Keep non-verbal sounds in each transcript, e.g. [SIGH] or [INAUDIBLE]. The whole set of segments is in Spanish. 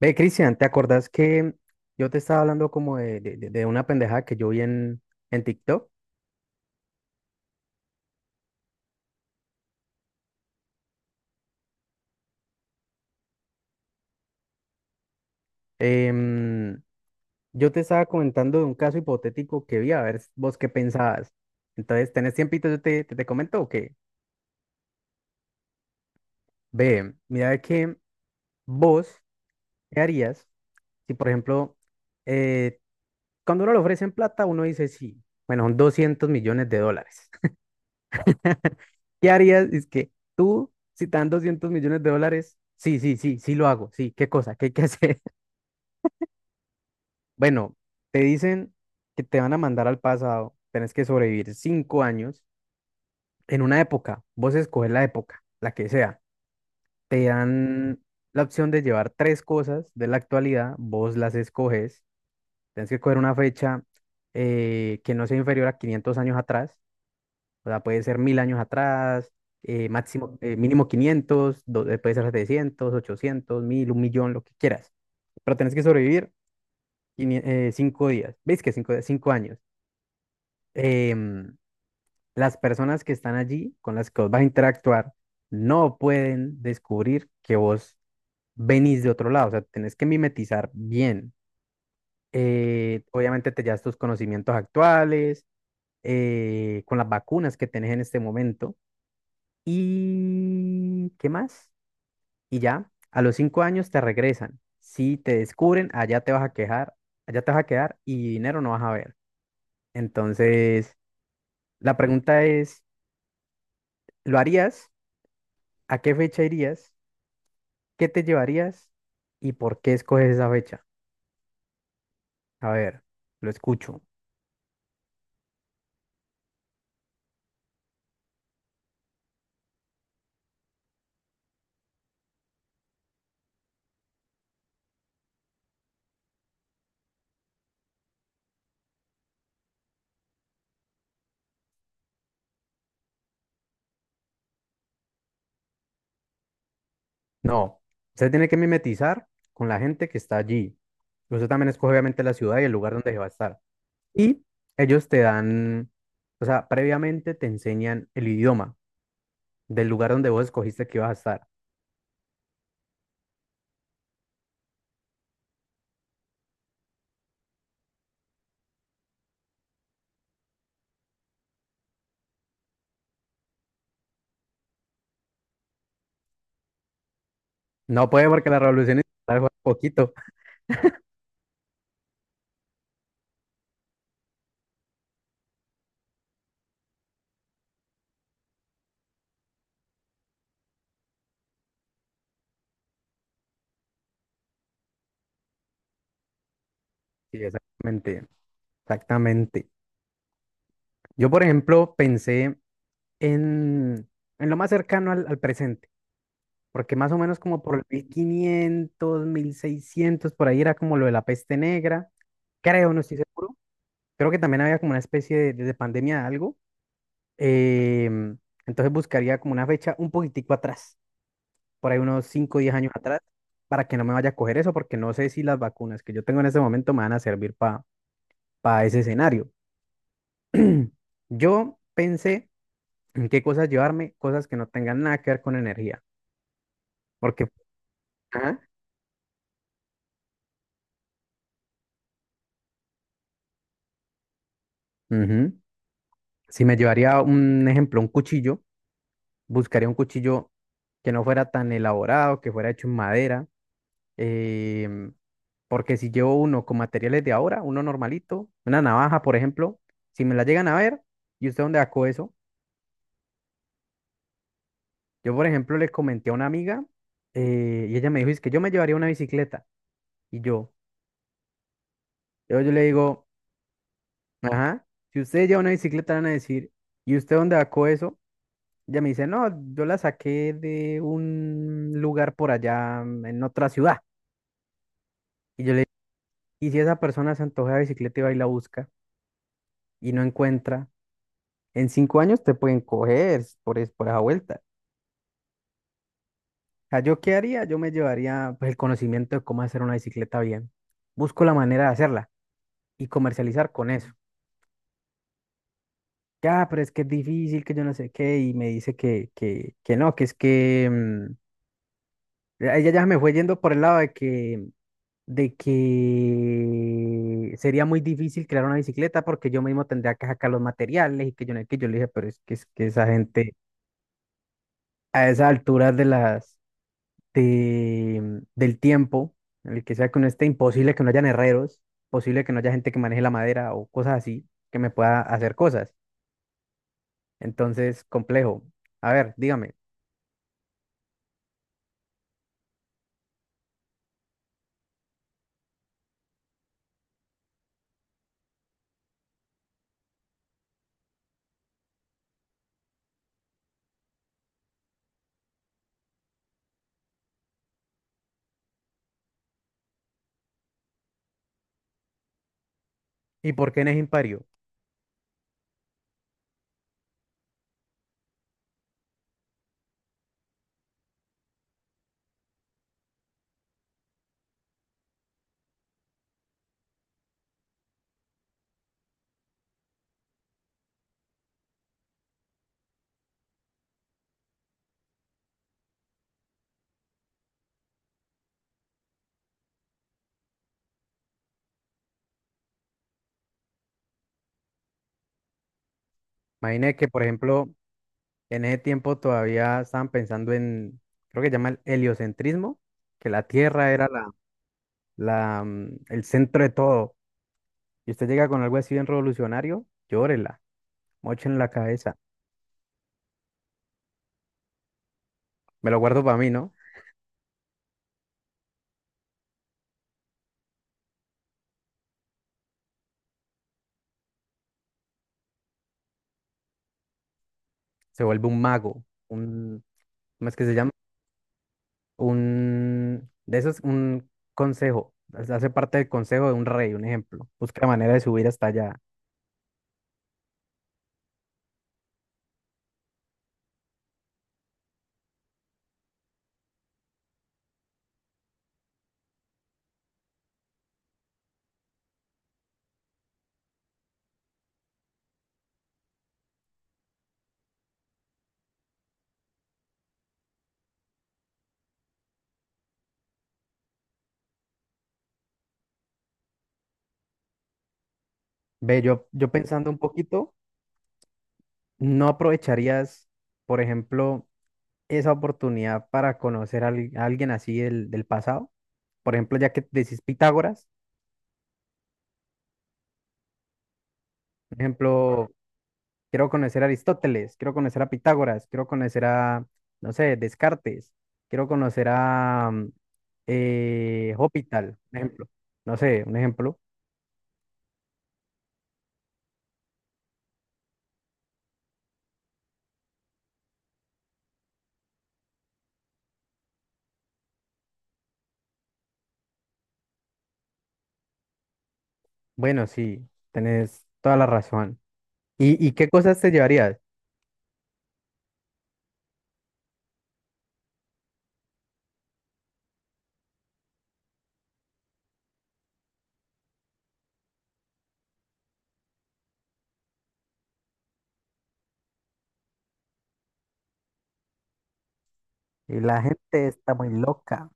Ve, Cristian, ¿te acordás que yo te estaba hablando como de una pendejada que yo vi en TikTok? Em, yo te estaba comentando de un caso hipotético que vi, a ver vos qué pensabas. Entonces, ¿tenés tiempito? Yo te comento o qué. Ve, mira de que vos, ¿qué harías si, por ejemplo, eh, cuando uno le ofrecen plata, uno dice sí, bueno, son 200 millones de dólares. ¿Qué harías? Es que tú, si te dan 200 millones de dólares, sí, sí, sí, sí lo hago, sí, ¿qué cosa? ¿Qué hay que hacer? Bueno, te dicen que te van a mandar al pasado, tenés que sobrevivir 5 años en una época, vos escoges la época, la que sea. Te dan la opción de llevar tres cosas de la actualidad, vos las escoges, tenés que coger una fecha que no sea inferior a 500 años atrás, o sea, puede ser 1000 años atrás, máximo, mínimo 500. Puede ser 700, 800, 1000, 1.000.000, lo que quieras, pero tenés que sobrevivir 5 días, ¿veis que cinco años? em, las personas que están allí, con las que vos vas a interactuar, no pueden descubrir que vos venís de otro lado. O sea, tenés que mimetizar bien. Obviamente te llevas tus conocimientos actuales, con las vacunas que tenés en este momento. ¿Y qué más? Y ya, a los 5 años te regresan. Si te descubren, allá te vas a quejar, allá te vas a quedar y dinero no vas a ver. Entonces, la pregunta es, ¿lo harías? ¿A qué fecha irías? ¿Qué te llevarías? ¿Y por qué escoges esa fecha? A ver, lo escucho. No, usted tiene que mimetizar con la gente que está allí. Usted también escoge obviamente la ciudad y el lugar donde se va a estar. Y ellos te dan, o sea, previamente te enseñan el idioma del lugar donde vos escogiste que ibas a estar. No puede porque la revolución industrial fue hace poquito. Sí, exactamente. Yo, por ejemplo, pensé en, en lo más cercano al presente. Porque más o menos como por el 1500, 1600 por ahí era como lo de la peste negra, creo, no estoy seguro, creo que también había como una especie de pandemia de algo, em, entonces buscaría como una fecha un poquitico atrás, por ahí unos 5 o 10 años atrás, para que no me vaya a coger eso, porque no sé si las vacunas que yo tengo en este momento me van a servir para ese escenario. Yo pensé en qué cosas llevarme, cosas que no tengan nada que ver con energía, porque... Ajá, ujú, si me llevaría un ejemplo, un cuchillo, buscaría un cuchillo que no fuera tan elaborado, que fuera hecho en madera, em, porque si llevo uno con materiales de ahora, uno normalito, una navaja, por ejemplo, si me la llegan a ver, ¿y usted dónde sacó eso? Yo, por ejemplo, le comenté a una amiga, y ella me dijo, es que yo me llevaría una bicicleta. Y yo, yo le digo, ajá, si usted lleva una bicicleta, van a decir, ¿y usted dónde sacó eso? Ella me dice, no, yo la saqué de un lugar por allá, mm, en otra ciudad. Y yo le... Y si esa persona se antoja de bicicleta y va y la busca y no encuentra, en 5 años te pueden coger por, por esa vuelta. O sea, ¿yo qué haría? Yo me llevaría pues, el conocimiento de cómo hacer una bicicleta bien. Busco la manera de hacerla y comercializar con eso. Ya, pero es que es difícil, que yo no sé qué, y me dice que no, que es que mm, ella ya me fue yendo por el lado de que sería muy difícil crear una bicicleta porque yo mismo tendría que sacar los materiales y que yo no, que yo le dije, pero es que esa gente a esas alturas del tiempo, en el que sea que uno esté, imposible que no hayan herreros, posible que no haya gente que maneje la madera o cosas así, que me pueda hacer cosas. Entonces, complejo. A ver, dígame, ¿y por qué en eje impario? Imagine que, por ejemplo, en ese tiempo todavía estaban pensando en creo que se llama el heliocentrismo, que la Tierra era mm, el centro de todo. Y usted llega con algo así bien revolucionario, llórela, mochen la cabeza. Me lo guardo para mí, ¿no? Se vuelve un mago, un, ¿cómo es que se llama? Un, de esos, un consejo, hace parte del consejo de un rey, un ejemplo. Busca la manera de subir hasta allá. Ve, yo pensando un poquito, ¿no aprovecharías, por ejemplo, esa oportunidad para conocer a alguien así del pasado? Por ejemplo, ya que decís Pitágoras, por ejemplo, quiero conocer a Aristóteles, quiero conocer a Pitágoras, quiero conocer a, no sé, Descartes, quiero conocer a mm, Hospital, un ejemplo. No sé, un ejemplo. Bueno, sí, tenés toda la razón. Y qué cosas te llevarías? Y la gente está muy loca.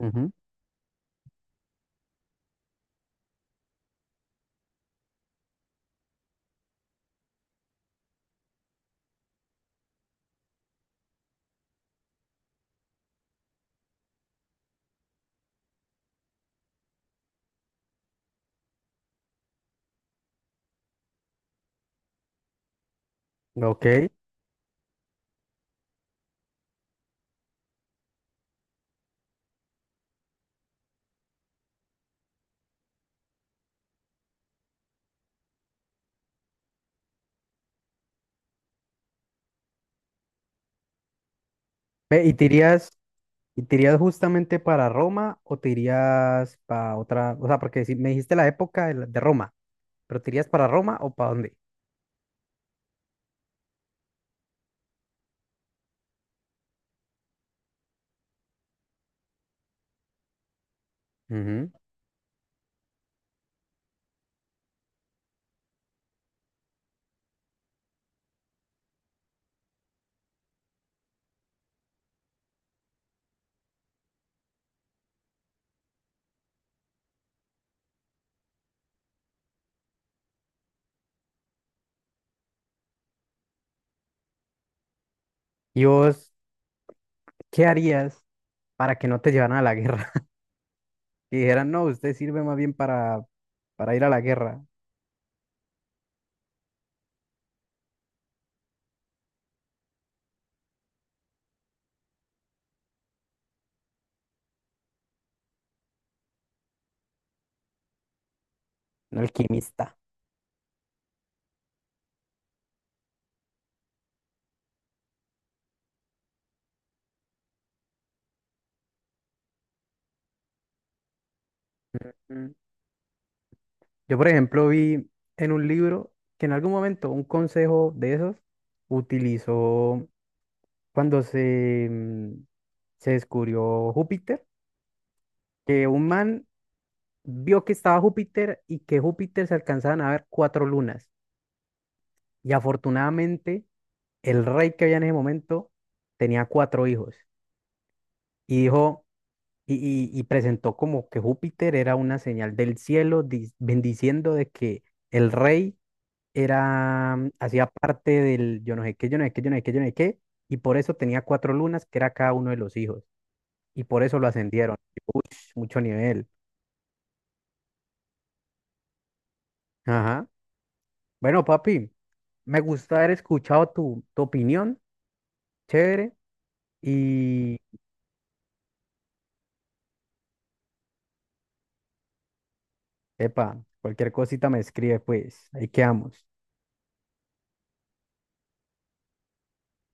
Ujú. Ok. Ve, ¿y te irías, y te irías justamente para Roma o te irías para otra? O sea, porque si me dijiste la época de Roma, pero ¿te irías para Roma o para dónde? Ujú. ¿Y vos qué harías para que no te llevaran a la guerra? [LAUGHS] Que dijeran, no, usted sirve más bien para ir a la guerra, un alquimista. Ujú. Yo, por ejemplo, vi en un libro que en algún momento un consejo de esos utilizó cuando se, mm, se descubrió Júpiter, que un man vio que estaba Júpiter y que Júpiter se alcanzaban a ver 4 lunas. Y afortunadamente el rey que había en ese momento tenía 4 hijos. Y dijo, y, y presentó como que Júpiter era una señal del cielo, bendiciendo de que el rey era, mm, hacía parte del yo no sé qué, yo no sé qué, yo no sé qué, yo no sé qué, y por eso tenía 4 lunas, que era cada uno de los hijos, y por eso lo ascendieron. Uy, mucho nivel. Ajá. Bueno, papi, me gusta haber escuchado tu opinión, chévere, y, epa, cualquier cosita me escribe, pues, ahí quedamos.